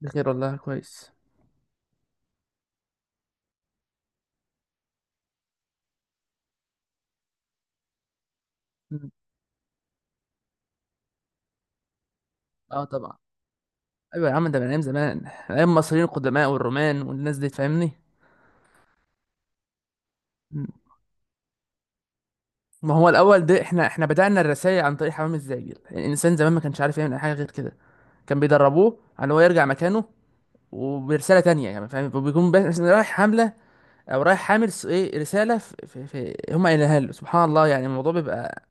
بخير والله كويس. مم. اه طبعا. ايوه يا عم، ده من ايام زمان، ايام المصريين القدماء والرومان والناس دي فاهمني. مم. ما هو الاول ده احنا بدأنا الرسائل عن طريق حمام الزاجل، يعني الانسان زمان ما كانش عارف يعمل أي حاجه غير كده. كان بيدربوه على ان هو يرجع مكانه وبرساله تانية، يعني فاهم، وبيكون رايح حمله او رايح حامل ايه رساله في هم قايلينها له. سبحان الله، يعني الموضوع بيبقى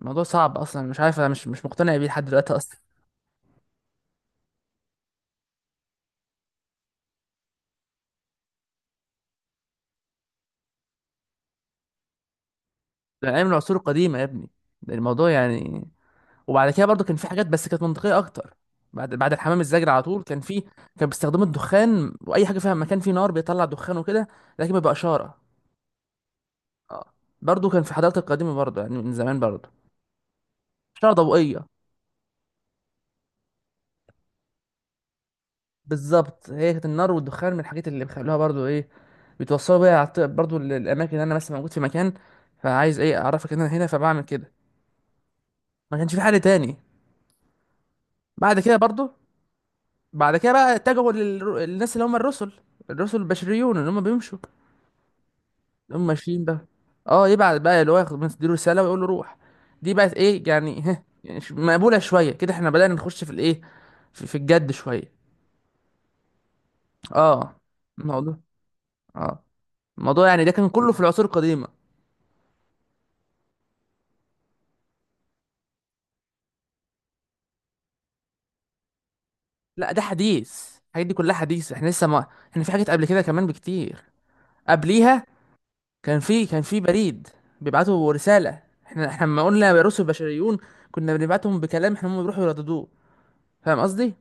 موضوع صعب اصلا، مش عارف انا مش مقتنع بيه لحد دلوقتي اصلا. ده من ايام العصور القديمه يا ابني، ده الموضوع يعني. وبعد كده برضو كان في حاجات بس كانت منطقيه اكتر. بعد الحمام الزاجل على طول كان في كان بيستخدموا الدخان، واي حاجه فيها مكان فيه نار بيطلع دخان وكده، لكن بيبقى اشاره. اه، برضو كان في حضارات القديمه برضو، يعني من زمان برضو. اشاره ضوئيه بالظبط، هي كانت النار والدخان من الحاجات اللي بيخلوها برضو ايه، بيتوصلوا بيها على برضو للاماكن. اللي انا مثلا موجود في مكان فعايز ايه اعرفك ان انا هنا، فبعمل كده، ما كانش في حل تاني. بعد كده برضو، بعد كده بقى اتجهوا للناس اللي هم الرسل، الرسل البشريون اللي هم بيمشوا، هم ماشيين بقى. اه يبعت بقى، اللي هو ياخد يديله رساله ويقول له روح. دي بقت ايه يعني، ها يعني مقبوله شويه كده، احنا بدأنا نخش في الايه، في الجد شويه. اه. الموضوع اه الموضوع يعني ده كان كله في العصور القديمه. لا ده حديث، الحاجات دي كلها حديث، احنا لسه ما، احنا في حاجات قبل كده كمان بكتير. قبليها كان في بريد بيبعتوا رساله. احنا لما قلنا الرسل البشريون كنا بنبعتهم بكلام، احنا هم بيروحوا يرددوه، فاهم قصدي؟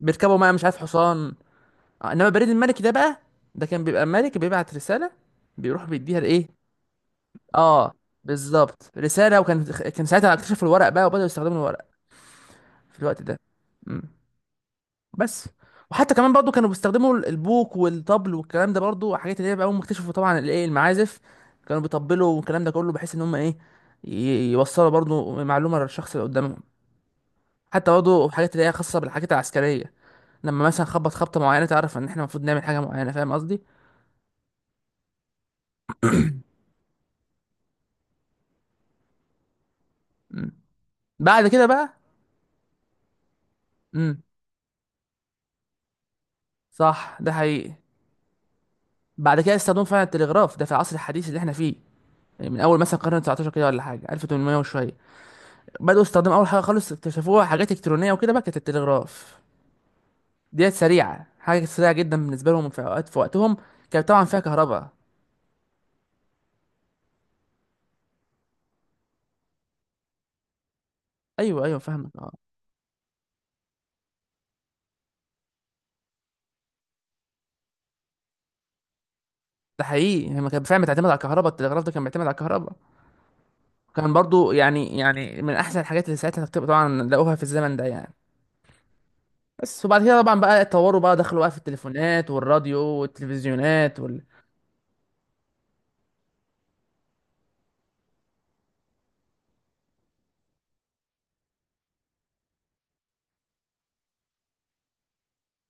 بيركبوا معاه مش عارف حصان. انما البريد الملكي ده بقى، ده كان بيبقى ملك بيبعت رساله، بيروح بيديها لايه. اه بالظبط، رساله. وكان ساعتها اكتشفوا الورق بقى وبداوا يستخدموا الورق في الوقت ده. مم. بس، وحتى كمان برضو كانوا بيستخدموا البوق والطبل والكلام ده برضو، حاجات اللي هي بقى، هم اكتشفوا طبعا الايه المعازف، كانوا بيطبلوا والكلام ده كله بحيث ان هم ايه، يوصلوا برضو معلومه للشخص اللي قدامهم. حتى برضو حاجات اللي هي خاصه بالحاجات العسكريه، لما مثلا خبط خبطه معينه تعرف ان احنا المفروض نعمل حاجه معينه، فاهم قصدي؟ مم. بعد كده بقى. امم. صح، ده حقيقي. بعد كده استخدموا فعلا التلغراف ده في العصر الحديث اللي احنا فيه، يعني من اول مثلا القرن 19 كده ولا حاجه، 1800 وشويه. بداوا استخدموا اول حاجه خالص اكتشفوها حاجات الكترونيه وكده بقى كانت التلغراف. ديت سريعه، حاجه سريعه جدا بالنسبه لهم في اوقات في وقتهم. كانت طبعا فيها كهرباء. ايوه ايوه فاهمك، اه. ده حقيقي، هي كانت فعلا بتعتمد على الكهرباء، التلغراف ده كان بيعتمد على الكهرباء. كان برضو يعني، من احسن الحاجات اللي ساعتها طبعا لقوها في الزمن ده يعني. بس، وبعد كده طبعا بقى اتطوروا بقى، دخلوا بقى في التليفونات والراديو والتلفزيونات وال...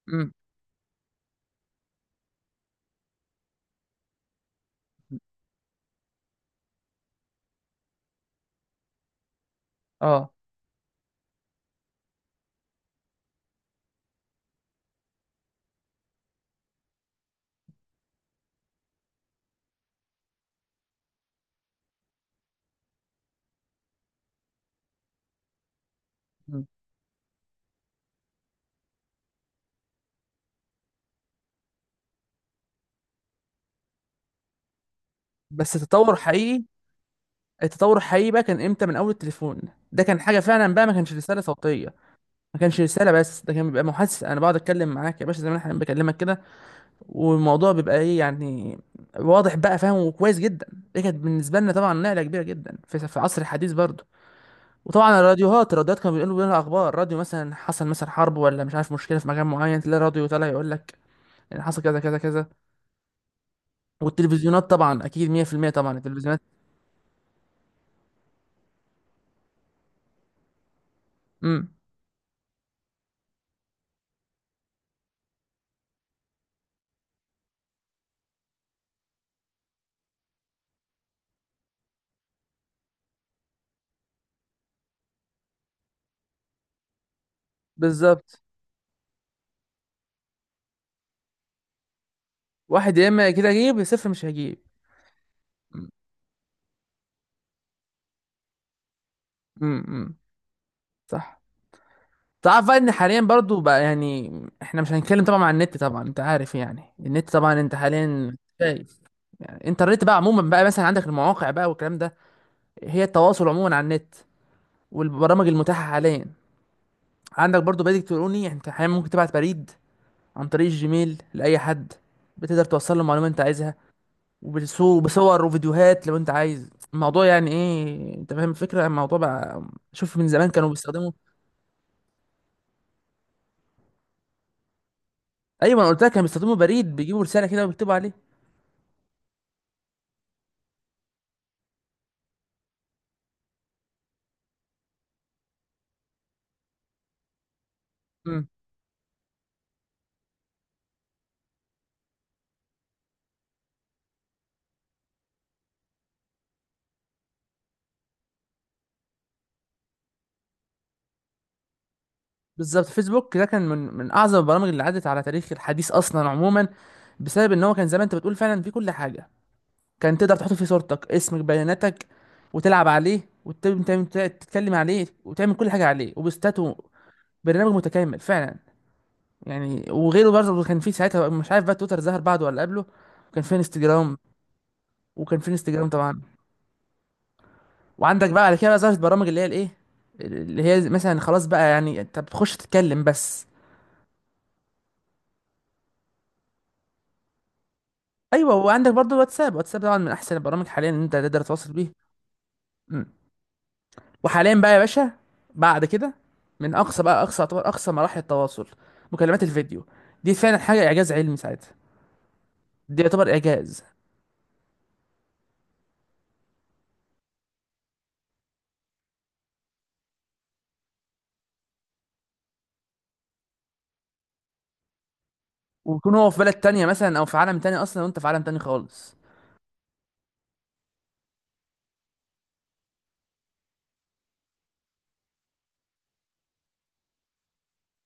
امم. اه. مم. بس التطور حقيقي، التطور الحقيقي بقى كان امتى؟ من اول التليفون. ده كان حاجه فعلا بقى، ما كانش رساله صوتيه، ما كانش رساله بس، ده كان بيبقى محادثه، انا بقعد اتكلم معاك يا باشا زي ما انا بكلمك كده، والموضوع بيبقى ايه يعني، واضح بقى فاهم وكويس جدا. دي كانت بالنسبه لنا طبعا نقله كبيره جدا في العصر الحديث برضه. وطبعا الراديوهات، الراديوهات كانوا بيقولوا لنا اخبار، راديو مثلا حصل مثلا حرب، ولا مش عارف مشكله في مكان معين، تلاقي راديو طالع يقول لك ان حصل كذا كذا كذا. والتلفزيونات طبعا، اكيد 100%، طبعا التلفزيونات. امم. بالظبط، واحد يا اما كده هجيب يا صفر مش هجيب. امم. صح. تعرف بقى ان حاليا برضو بقى يعني، احنا مش هنتكلم طبعا عن النت، طبعا انت عارف يعني النت، طبعا انت حاليا شايف. يعني انترنت بقى عموما بقى، مثلا عندك المواقع بقى والكلام ده، هي التواصل عموما على النت والبرامج المتاحة حاليا. عندك برضو بريد الكتروني، انت حاليا ممكن تبعت بريد عن طريق الجيميل لأي حد، بتقدر توصل له المعلومة انت عايزها. بصور وفيديوهات لو انت عايز الموضوع، يعني ايه، انت فاهم الفكره يعني، الموضوع بقى. شوف، من زمان كانوا بيستخدموا. ايوه، ما انا قلت لك كانوا بيستخدموا بريد، بيجيبوا رساله كده وبيكتبوا عليه. امم. بالظبط، فيسبوك ده كان من اعظم البرامج اللي عدت على تاريخ الحديث اصلا عموما، بسبب ان هو كان زمان انت بتقول فعلا فيه كل حاجه، كان تقدر تحط فيه صورتك اسمك بياناتك، وتلعب عليه وتتكلم عليه وتعمل كل حاجه عليه وبوستات. برنامج متكامل فعلا يعني. وغيره برضه كان في ساعتها، مش عارف بقى تويتر ظهر بعده ولا قبله. وكان في انستجرام، وكان في انستجرام طبعا. وعندك بقى على كده بقى ظهرت برامج اللي هي الايه، اللي هي مثلا خلاص بقى، يعني انت بتخش تتكلم بس. ايوه، وعندك برضه واتساب، واتساب طبعا من احسن البرامج حاليا ان انت تقدر تتواصل بيه. مم. وحاليا بقى يا باشا، بعد كده، من اقصى بقى، اقصى يعتبر اقصى مراحل التواصل، مكالمات الفيديو. دي فعلا حاجه اعجاز علمي ساعتها، دي يعتبر اعجاز. ويكون هو في بلد تانية مثلا او في عالم تاني اصلا، وانت في عالم تاني خالص.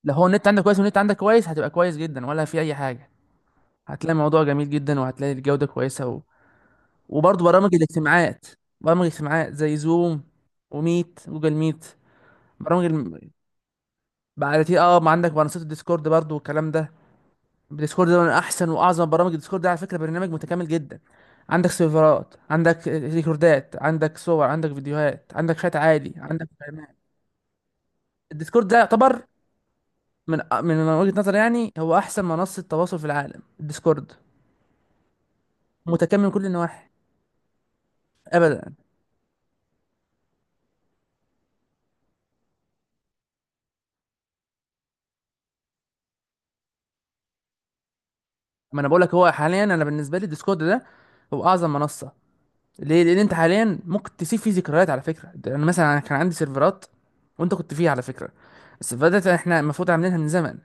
لو هو النت عندك كويس والنت عندك كويس هتبقى كويس جدا، ولا في اي حاجه هتلاقي الموضوع جميل جدا، وهتلاقي الجوده كويسه و... وبرضه برامج الاجتماعات، برامج الاجتماعات زي زوم وميت جوجل ميت، برامج الم... بعد كده اه، ما عندك منصات الديسكورد برضه والكلام ده. الديسكورد ده من احسن واعظم برامج، الديسكورد ده على فكره برنامج متكامل جدا. عندك سيرفرات، عندك ريكوردات، عندك صور، عندك فيديوهات، عندك شات عادي، عندك مكالمات. الديسكورد ده يعتبر من وجهة نظري يعني هو احسن منصة تواصل في العالم، الديسكورد متكامل من كل النواحي. ابدا، ما انا بقول لك، هو حاليا انا بالنسبه لي ديسكورد ده هو اعظم منصه. ليه؟ لان انت حاليا ممكن تسيب فيه ذكريات. على فكره ده انا مثلا أنا كان عندي سيرفرات، وانت كنت فيها على فكره، السيرفرات دي احنا المفروض عاملينها من زمن،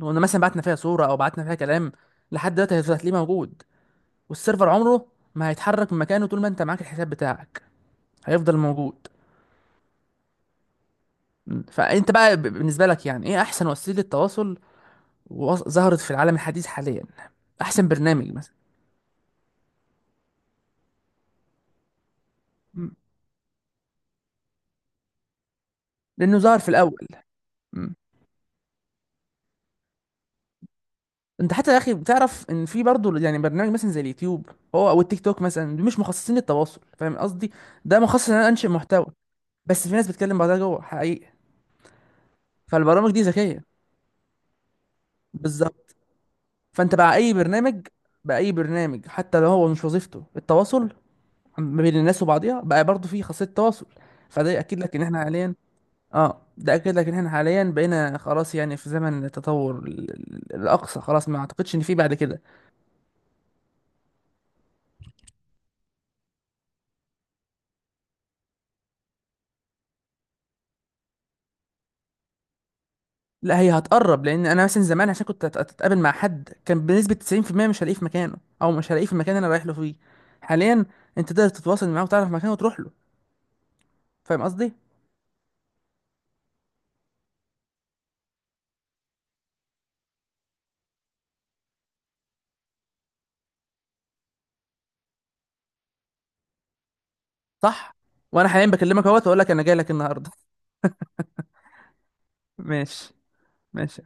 وقلنا مثلا بعتنا فيها صوره او بعتنا فيها كلام، لحد دلوقتي هيفضل، هتلاقيه موجود. والسيرفر عمره ما هيتحرك من مكانه، طول ما انت معاك الحساب بتاعك هيفضل موجود. م. فانت بقى بالنسبه لك يعني ايه احسن وسيله تواصل وظهرت في العالم الحديث حاليا، احسن برنامج مثلا، لانه ظهر في الاول. مم. انت حتى يا اخي بتعرف ان في برضه يعني برنامج مثلا زي اليوتيوب هو، او التيك توك مثلا، دول مش مخصصين للتواصل، فاهم قصدي؟ ده مخصص ان انا انشئ محتوى، بس في ناس بتكلم بعضها جوه حقيقي، فالبرامج دي ذكيه. بالظبط. فانت بقى اي برنامج، بقى اي برنامج حتى لو هو مش وظيفته التواصل ما بين الناس وبعضها، بقى برضه في خاصيه تواصل. فده ياكد لك ان احنا حاليا. اه، ده اكد لك ان احنا حاليا بقينا خلاص، يعني في زمن التطور الاقصى خلاص، ما اعتقدش ان في بعد كده. لا، هي هتقرب، لان انا مثلا زمان عشان كنت اتقابل مع حد كان بنسبه 90% مش هلاقيه في مكانه، او مش هلاقيه في المكان اللي انا رايح له فيه. حاليا انت تقدر تتواصل معاه وتعرف مكانه وتروح له، فاهم قصدي. صح، وانا حاليا بكلمك اهوت واقول لك انا جاي لك النهارده. ماشي، ماشي.